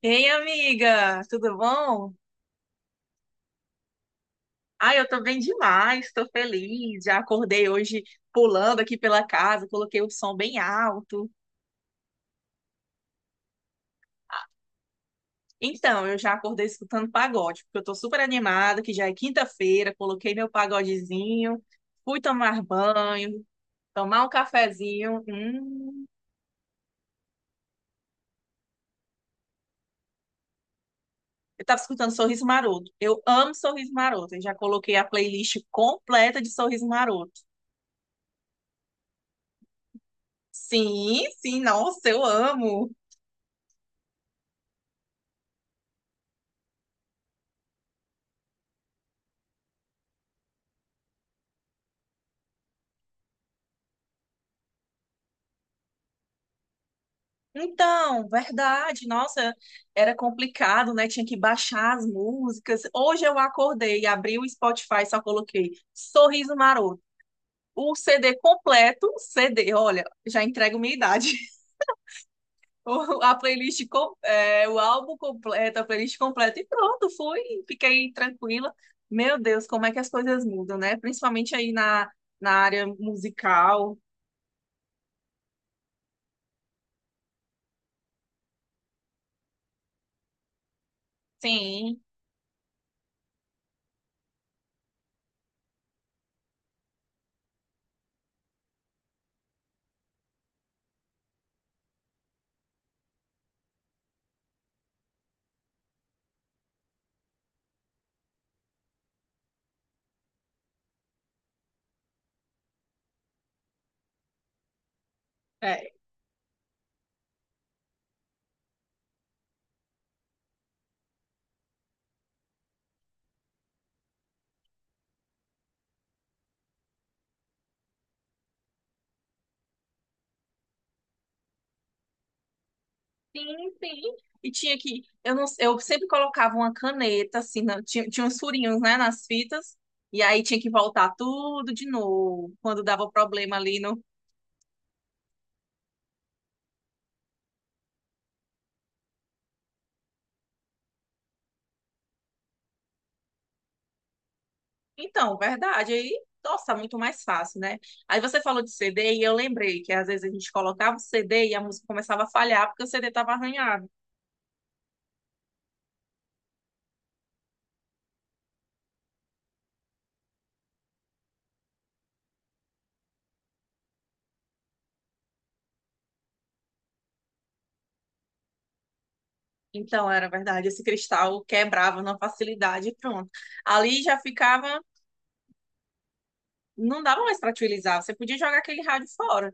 Ei, amiga, tudo bom? Ai, eu tô bem demais, tô feliz. Já acordei hoje pulando aqui pela casa, coloquei o som bem alto. Então, eu já acordei escutando pagode, porque eu tô super animada, que já é quinta-feira, coloquei meu pagodezinho, fui tomar banho, tomar um cafezinho. Eu tava escutando Sorriso Maroto. Eu amo Sorriso Maroto. Eu já coloquei a playlist completa de Sorriso Maroto. Sim, sim, nossa, eu amo. Então, verdade, nossa, era complicado, né? Tinha que baixar as músicas. Hoje eu acordei, abri o Spotify, só coloquei Sorriso Maroto. O CD completo, CD, olha, já entrego minha idade. A playlist, o álbum completo, a playlist completa e pronto, fui, fiquei tranquila. Meu Deus, como é que as coisas mudam, né? Principalmente aí na, na área musical. Sim, é. Sim, sim. E tinha que, eu não, eu sempre colocava uma caneta assim, na- tinha uns furinhos, né, nas fitas, e aí tinha que voltar tudo de novo, quando dava problema ali no. Então, verdade, aí, nossa, muito mais fácil, né? Aí você falou de CD e eu lembrei que às vezes a gente colocava o CD e a música começava a falhar porque o CD estava arranhado. Então, era verdade, esse cristal quebrava na facilidade e pronto. Ali já ficava, não dava mais para utilizar, você podia jogar aquele rádio fora.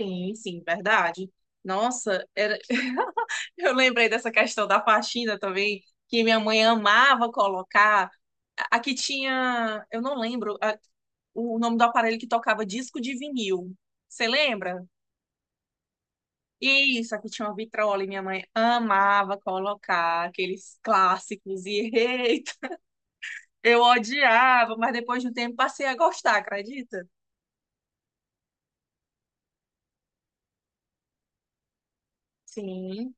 Sim, sim, verdade. Nossa, era... eu lembrei dessa questão da faxina também, que minha mãe amava colocar. A que tinha, eu não lembro o nome do aparelho que tocava disco de vinil. Você lembra? Isso, aqui tinha uma vitrola e minha mãe amava colocar aqueles clássicos e eita, eu odiava, mas depois de um tempo passei a gostar, acredita? Sim,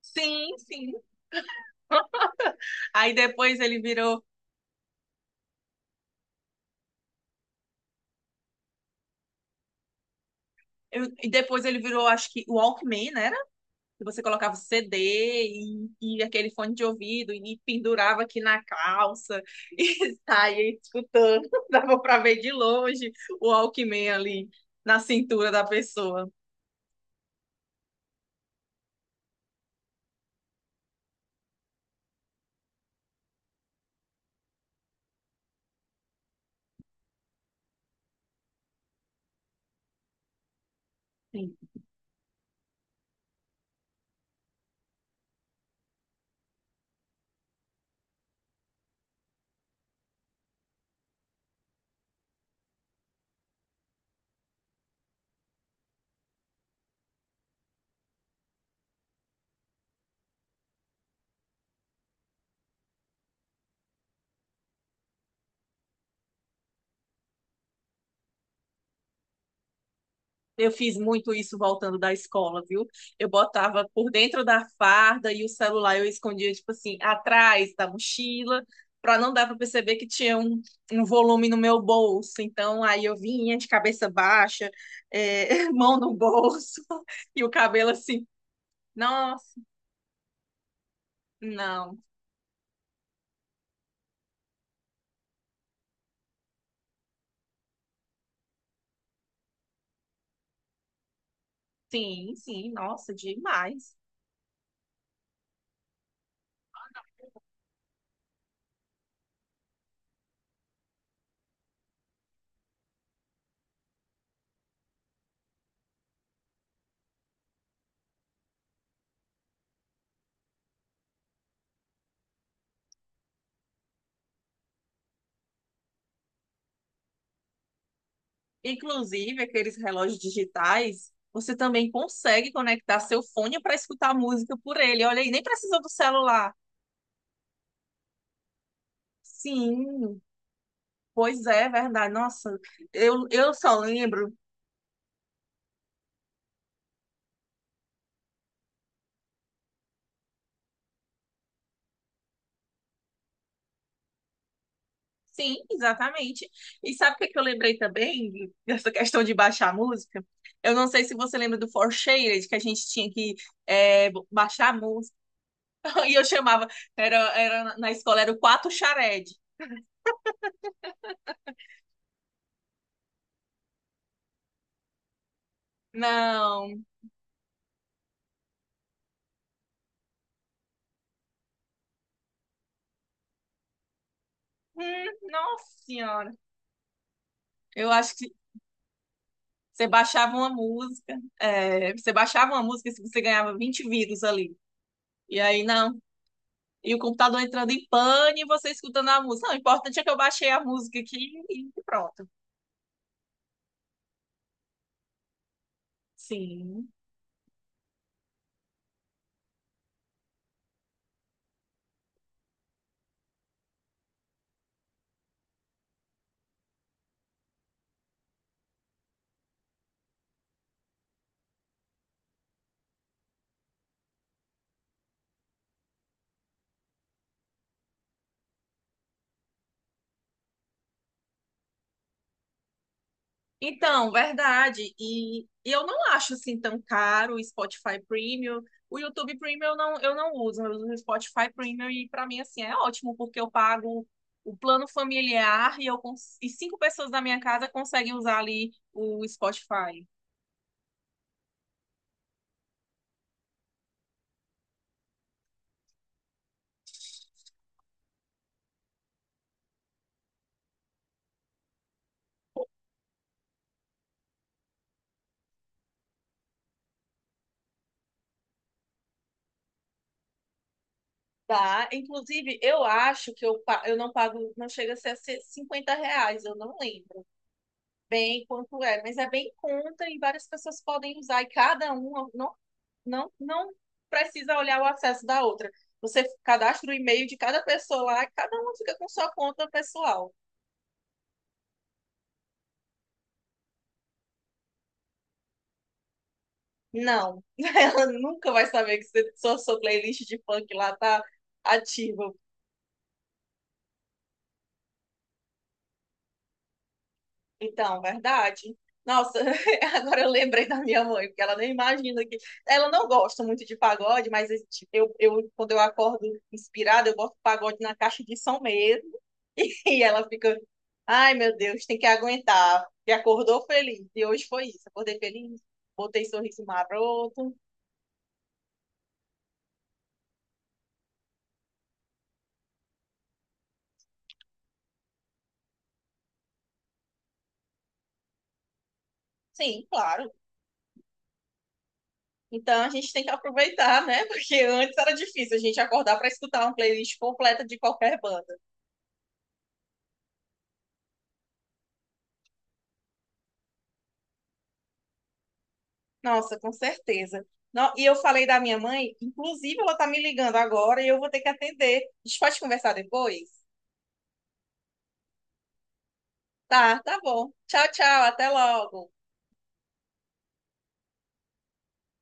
sim, sim. Aí depois ele virou Eu- e depois ele virou, acho que, o Walkman, né? Era? Que você colocava o CD e, aquele fone de ouvido e pendurava aqui na calça e saía escutando. Dava pra ver de longe o Walkman ali na cintura da pessoa. Eu fiz muito isso voltando da escola, viu? Eu botava por dentro da farda e o celular eu escondia, tipo assim, atrás da mochila, para não dar para perceber que tinha um volume no meu bolso. Então, aí eu vinha de cabeça baixa, mão no bolso e o cabelo assim. Nossa, não. Sim, sim, nossa, demais. Inclusive, aqueles relógios digitais você também consegue conectar seu fone para escutar música por ele. Olha aí, nem precisou do celular. Sim, pois é, verdade. Nossa, eu só lembro. Sim, exatamente. E sabe o que que eu lembrei também dessa questão de baixar a música? Eu não sei se você lembra do Four Shaded, que a gente tinha que baixar a música. E eu chamava, era, era na escola, era o Quatro Shared. Não, hum, nossa senhora. Eu acho que você baixava uma música, é, você baixava uma música se você ganhava 20 vírus ali. E aí, não. E o computador entrando em pane e você escutando a música. Não, o importante é que eu baixei a música aqui e pronto. Sim. Então, verdade. E eu não acho assim tão caro o Spotify Premium. O YouTube Premium eu não uso, eu uso o Spotify Premium e para mim assim é ótimo porque eu pago o plano familiar e cinco pessoas da minha casa conseguem usar ali o Spotify. Tá, inclusive eu acho que eu não pago, não chega a ser R$ 50, eu não lembro. Bem quanto é, mas é bem conta e várias pessoas podem usar e cada uma não, não, não precisa olhar o acesso da outra. Você cadastra o e-mail de cada pessoa lá, e cada uma fica com sua conta pessoal. Não, ela nunca vai saber que você- sua playlist de funk lá tá ativa. Então, verdade. Nossa, agora eu lembrei da minha mãe, porque ela nem imagina que. Ela não gosta muito de pagode, mas tipo, quando eu acordo inspirada, eu boto pagode na caixa de som mesmo. E ela fica, ai meu Deus, tem que aguentar. E acordou feliz. E hoje foi isso. Acordei feliz, botei sorriso maroto. Sim, claro. Então a gente tem que aproveitar, né? Porque antes era difícil a gente acordar para escutar uma playlist completa de qualquer banda. Nossa, com certeza. Não, e eu falei da minha mãe, inclusive ela tá me ligando agora e eu vou ter que atender. A gente pode conversar depois? Tá, tá bom. Tchau, tchau, até logo.